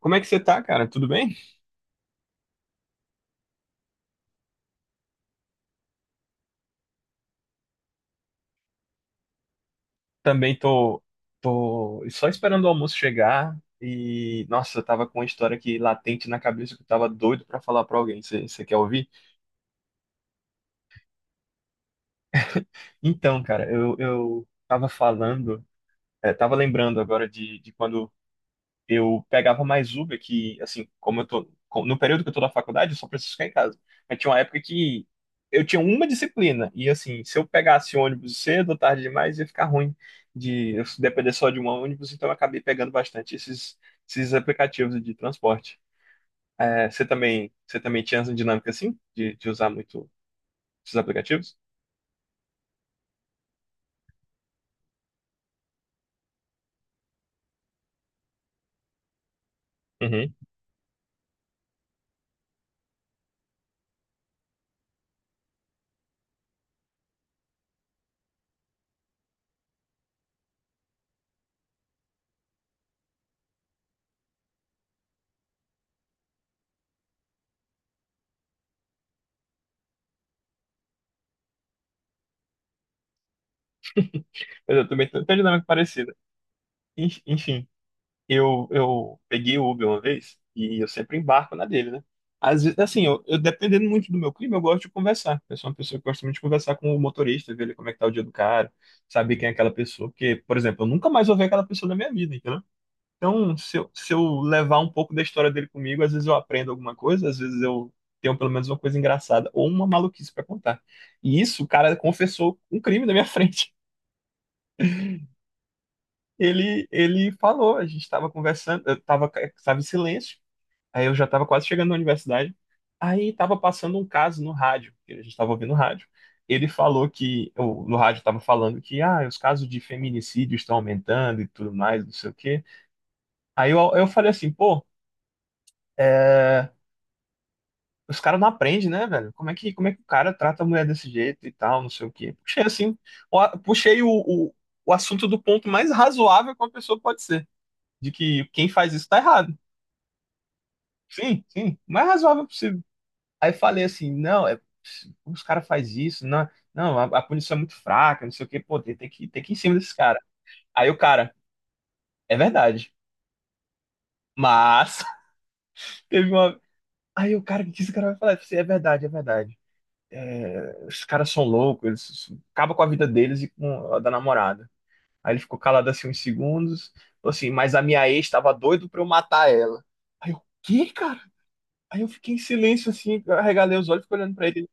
Como é que você tá, cara? Tudo bem? Também tô, tô só esperando o almoço chegar e, nossa, eu tava com uma história aqui latente na cabeça que eu tava doido pra falar pra alguém. Você quer ouvir? Então, cara, eu tava falando, tava lembrando agora de quando eu pegava mais Uber que, assim, como eu tô, no período que eu tô na faculdade, eu só preciso ficar em casa. Mas tinha uma época que eu tinha uma disciplina, e assim, se eu pegasse ônibus cedo ou tarde demais, ia ficar ruim de eu depender só de um ônibus, então eu acabei pegando bastante esses aplicativos de transporte. É, você também tinha essa dinâmica assim, de usar muito esses aplicativos? Uhum. Mas eu também tenho uma dinâmica parecida. Enfim. Eu peguei o Uber uma vez e eu sempre embarco na dele, né? Às vezes, assim, eu dependendo muito do meu clima, eu gosto de conversar. Eu sou uma pessoa que gosta muito de conversar com o motorista, ver ele como é que tá o dia do cara, saber quem é aquela pessoa. Porque, por exemplo, eu nunca mais vou ver aquela pessoa na minha vida, entendeu? Então, se eu levar um pouco da história dele comigo, às vezes eu aprendo alguma coisa, às vezes eu tenho pelo menos uma coisa engraçada ou uma maluquice pra contar. E isso, o cara confessou um crime na minha frente. Ele falou, a gente estava conversando, estava em silêncio. Aí eu já estava quase chegando na universidade. Aí estava passando um caso no rádio, que a gente estava ouvindo rádio. Ele falou que, no rádio estava falando que ah, os casos de feminicídio estão aumentando e tudo mais, não sei o quê. Aí eu falei assim, pô, é, os caras não aprendem, né, velho? Como é que o cara trata a mulher desse jeito e tal, não sei o quê. Puxei assim, puxei o assunto do ponto mais razoável que uma pessoa pode ser, de que quem faz isso tá errado. Sim, sim, o mais razoável possível. Aí falei assim, não, como os caras fazem isso? Não, não, a punição é muito fraca, não sei o quê, pô, tem que ir em cima desses caras. Aí o cara, é verdade. Mas teve uma. Aí o cara, o que esse cara vai falar? Eu falei, assim, é verdade, é verdade. Os caras são loucos, eles acabam com a vida deles e com a da namorada. Aí ele ficou calado assim uns segundos, falou assim, mas a minha ex tava doido pra eu matar ela. Aí eu, quê, cara? Aí eu fiquei em silêncio assim, eu arregalei os olhos, e fiquei olhando pra ele.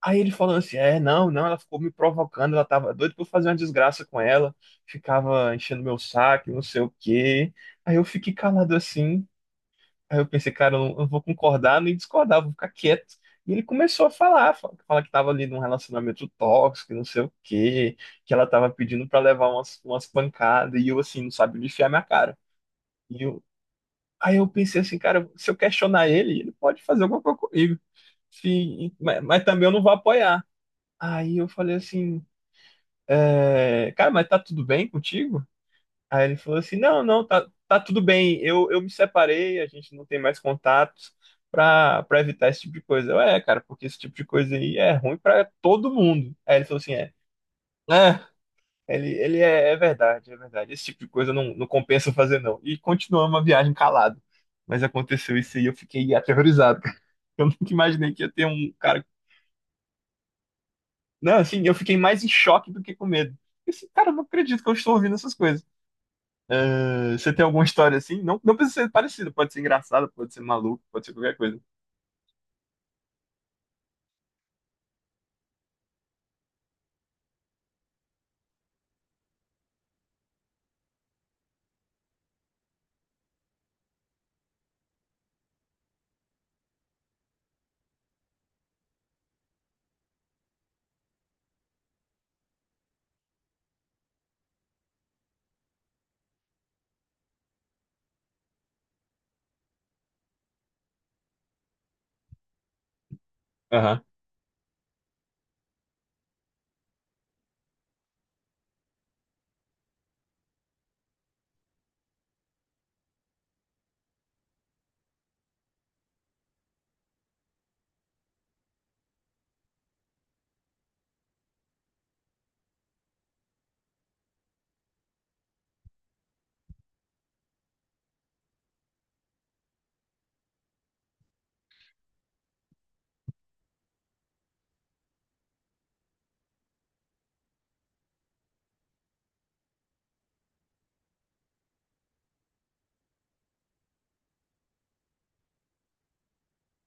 Aí ele falando assim, não, não, ela ficou me provocando, ela tava doida pra eu fazer uma desgraça com ela, ficava enchendo meu saco, não sei o quê. Aí eu fiquei calado assim, aí eu pensei, cara, eu não vou concordar nem discordar, vou ficar quieto. E ele começou a falar, falar que tava ali num relacionamento tóxico, não sei o quê, que ela tava pedindo pra levar umas pancadas, e eu assim, não sabia onde enfiar minha cara. E eu, aí eu pensei assim, cara, se eu questionar ele, ele pode fazer alguma coisa comigo. Mas também eu não vou apoiar. Aí eu falei assim, cara, mas tá tudo bem contigo? Aí ele falou assim, não, não, tá tudo bem, eu me separei, a gente não tem mais contatos pra evitar esse tipo de coisa. Eu, é, cara, porque esse tipo de coisa aí é ruim pra todo mundo. Aí ele falou assim, é, é, é verdade, esse tipo de coisa não, não compensa fazer não. E continuamos a viagem calado. Mas aconteceu isso aí, eu fiquei aterrorizado. cara. Eu nunca imaginei que ia ter um cara. Não, assim, eu fiquei mais em choque do que com medo. Eu, assim, cara, eu não acredito que eu estou ouvindo essas coisas. Ah, você tem alguma história assim? Não, não precisa ser parecida, pode ser engraçada, pode ser maluco, pode ser qualquer coisa. Aham.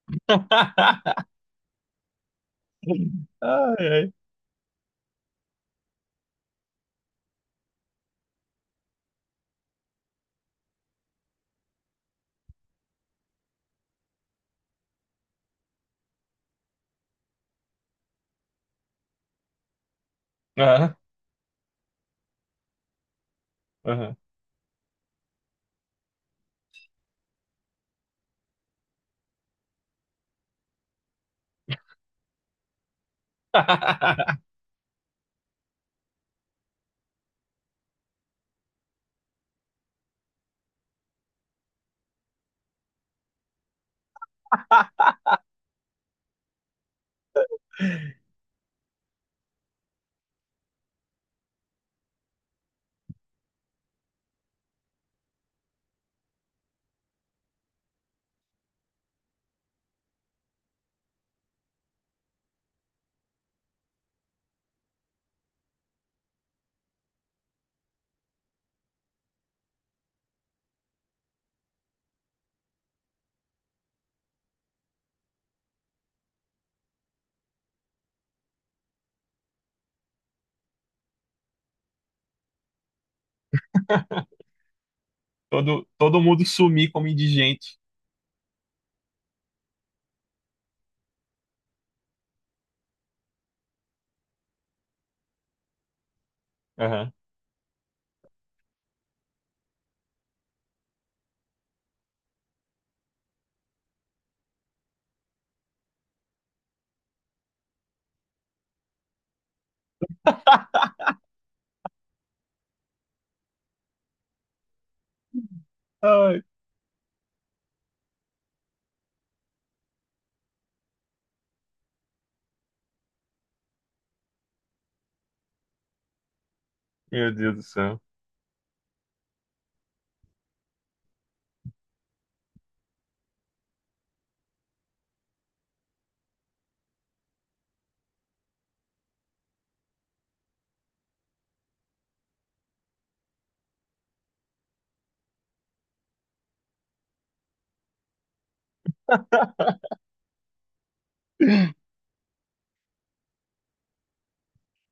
Ai, ai. Aham, aham. Todo mundo sumir como indigente. Aham. Ai, meu Deus do céu.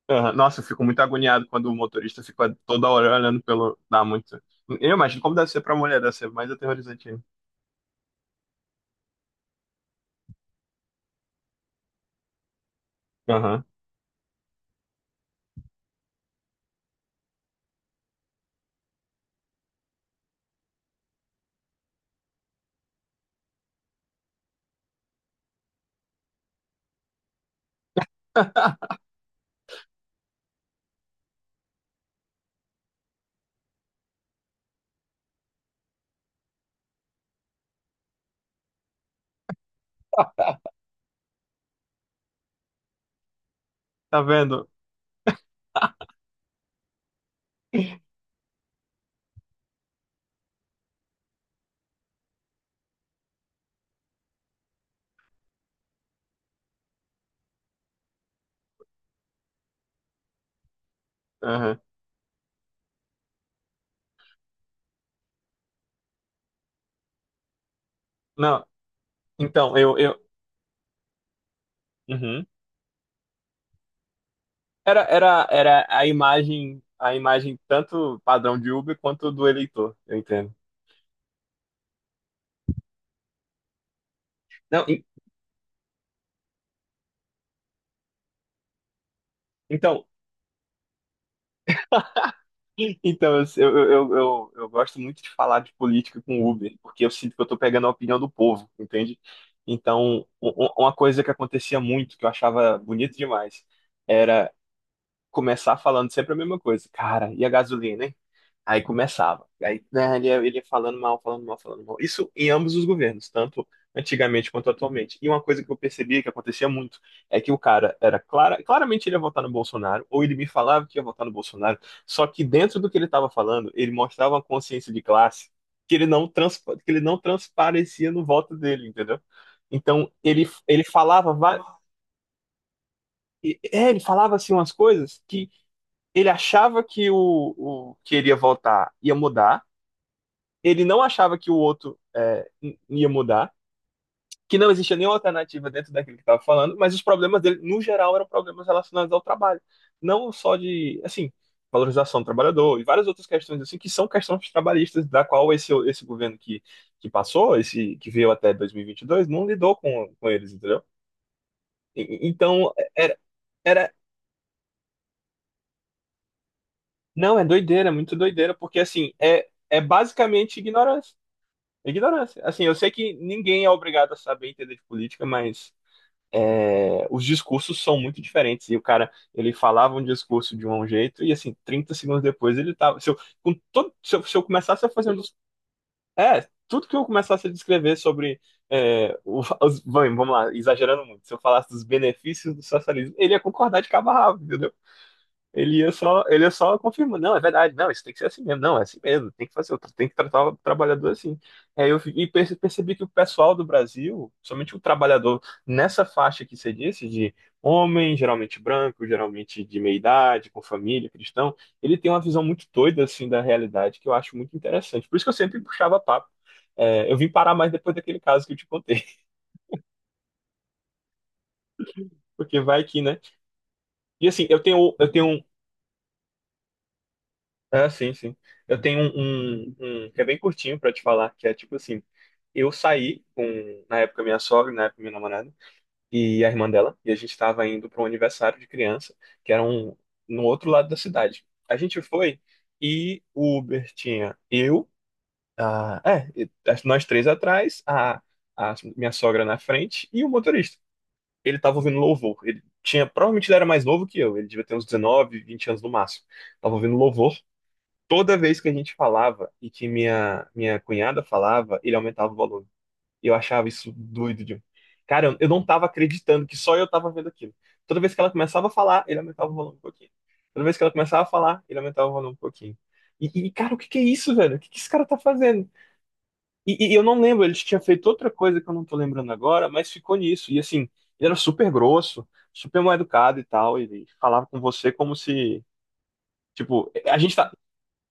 Aham. Nossa, eu fico muito agoniado quando o motorista fica toda hora olhando pelo. Dá muito. Eu imagino como deve ser pra mulher, deve ser mais aterrorizante ainda. Aham. Tá vendo? Aham. Não, Então, uhum. Era a imagem tanto padrão de Uber quanto do eleitor, eu entendo. Não, en- então, então eu gosto muito de falar de política com Uber, porque eu sinto que eu tô pegando a opinião do povo, entende? Então, uma coisa que acontecia muito, que eu achava bonito demais, era começar falando sempre a mesma coisa. Cara, e a gasolina, hein? Aí começava. Aí, né, ele ia falando mal, falando mal, falando mal. Isso em ambos os governos, tanto antigamente quanto atualmente. E uma coisa que eu percebia que acontecia muito é que o cara era claramente ele ia votar no Bolsonaro, ou ele me falava que ia votar no Bolsonaro, só que dentro do que ele estava falando, ele mostrava uma consciência de classe que ele não, transpa- que ele não transparecia no voto dele, entendeu? Então, ele falava, ele falava assim umas coisas que ele achava que o que ele ia votar ia mudar. Ele não achava que o outro ia mudar, que não existia nenhuma alternativa dentro daquilo que estava falando, mas os problemas dele, no geral, eram problemas relacionados ao trabalho. Não só de, assim, valorização do trabalhador e várias outras questões, assim, que são questões trabalhistas, da qual esse governo que passou, esse que veio até 2022, não lidou com eles, entendeu? Então, era, era. Não, é doideira, é muito doideira, porque, assim, é, é basicamente ignorância. Ignorância. Assim, eu sei que ninguém é obrigado a saber entender de política, mas é, os discursos são muito diferentes. E o cara, ele falava um discurso de um jeito, e assim, 30 segundos depois ele tava. Se eu, com todo, se eu começasse a fazer um dos. É, tudo que eu começasse a descrever sobre. É, vamos lá, exagerando muito. Se eu falasse dos benefícios do socialismo, ele ia concordar de cabo a rabo, entendeu? Ele ia só confirmando, não, é verdade, não, isso tem que ser assim mesmo, não, é assim mesmo, tem que fazer, tem que tratar o trabalhador assim. Aí eu percebi que o pessoal do Brasil, somente o trabalhador nessa faixa que você disse, de homem, geralmente branco, geralmente de meia idade, com família, cristão, ele tem uma visão muito doida assim da realidade que eu acho muito interessante. Por isso que eu sempre puxava papo. É, eu vim parar mais depois daquele caso que eu te contei, porque vai que, né? E assim, eu tenho. Ah, sim, sim. Eu tenho um que é bem curtinho pra te falar, que é tipo assim, eu saí com, na época, minha sogra, na época, minha namorada, e a irmã dela, e a gente tava indo para um aniversário de criança, que era um, no outro lado da cidade. A gente foi e o Uber tinha eu, a, é, e- as- nós três atrás, a minha sogra na frente e o motorista. Ele tava ouvindo louvor. Ele tinha, provavelmente ele era mais novo que eu, ele devia ter uns 19, 20 anos no máximo. Tava ouvindo louvor toda vez que a gente falava e que minha cunhada falava, ele aumentava o volume. Eu achava isso doido, de... Cara, eu não tava acreditando que só eu tava vendo aquilo. Toda vez que ela começava a falar, ele aumentava o volume um pouquinho. Toda vez que ela começava a falar, ele aumentava o volume um pouquinho. E, cara, o que que é isso, velho? O que que esse cara tá fazendo? E eu não lembro, ele tinha feito outra coisa que eu não tô lembrando agora, mas ficou nisso. E assim, ele era super grosso, super mal educado e tal, ele falava com você como se, tipo, a gente tá,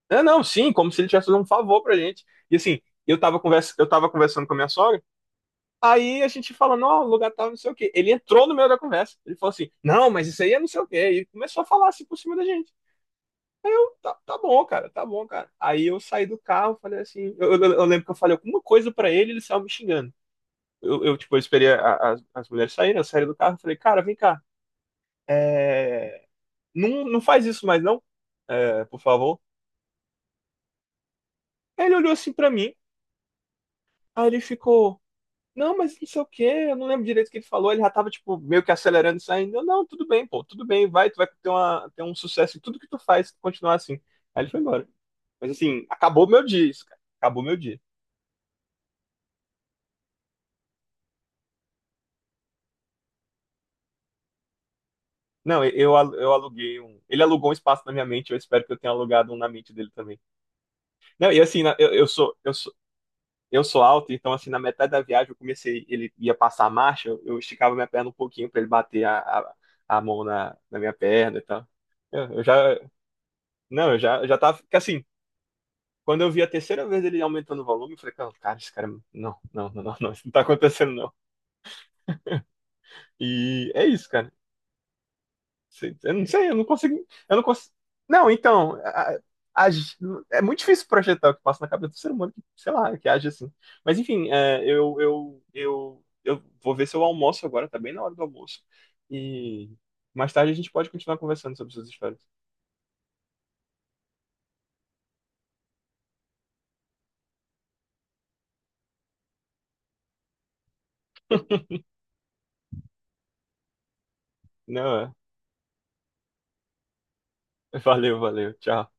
não, sim, como se ele tivesse fazendo um favor pra gente. E assim, eu tava conversando com a minha sogra, aí a gente falando, ó, o lugar tava não sei o quê. Ele entrou no meio da conversa. Ele falou assim, não, mas isso aí é não sei o quê. E começou a falar assim por cima da gente. Aí eu, tá, tá bom, cara, tá bom, cara. Aí eu saí do carro, falei assim, eu lembro que eu falei alguma coisa pra ele, ele saiu me xingando. Tipo, eu esperei as mulheres saírem, eu saí do carro e falei, cara, vem cá, é, não, não faz isso mais não, por favor. Aí ele olhou assim pra mim, aí ele ficou... Não, mas não sei o quê, eu não lembro direito o que ele falou, ele já tava, tipo, meio que acelerando e saindo. Eu, não, tudo bem, pô, tudo bem, vai, tu vai ter, uma, ter um sucesso em tudo que tu faz, se tu continuar assim. Aí ele foi embora. Mas assim, acabou meu dia isso, cara. Acabou meu dia. Não, eu aluguei um. Ele alugou um espaço na minha mente, eu espero que eu tenha alugado um na mente dele também. Não, e assim, eu sou eu sou alto, então assim, na metade da viagem eu comecei, ele ia passar a marcha, eu esticava minha perna um pouquinho pra ele bater a mão na minha perna e tal. Eu já. Não, eu já tava. Porque assim, quando eu vi a terceira vez ele aumentando o volume, eu falei, cara, esse cara. Não, não, não, não, não, isso não tá acontecendo, não. E é isso, cara. Eu não sei, eu não consigo. Eu não consigo. Não, então. A- é muito difícil projetar o que passa na cabeça do ser humano que, sei lá, que age assim. Mas enfim, é, eu vou ver se eu almoço agora, tá bem na hora do almoço. E mais tarde a gente pode continuar conversando sobre suas histórias. Não, é. Valeu, valeu. Tchau.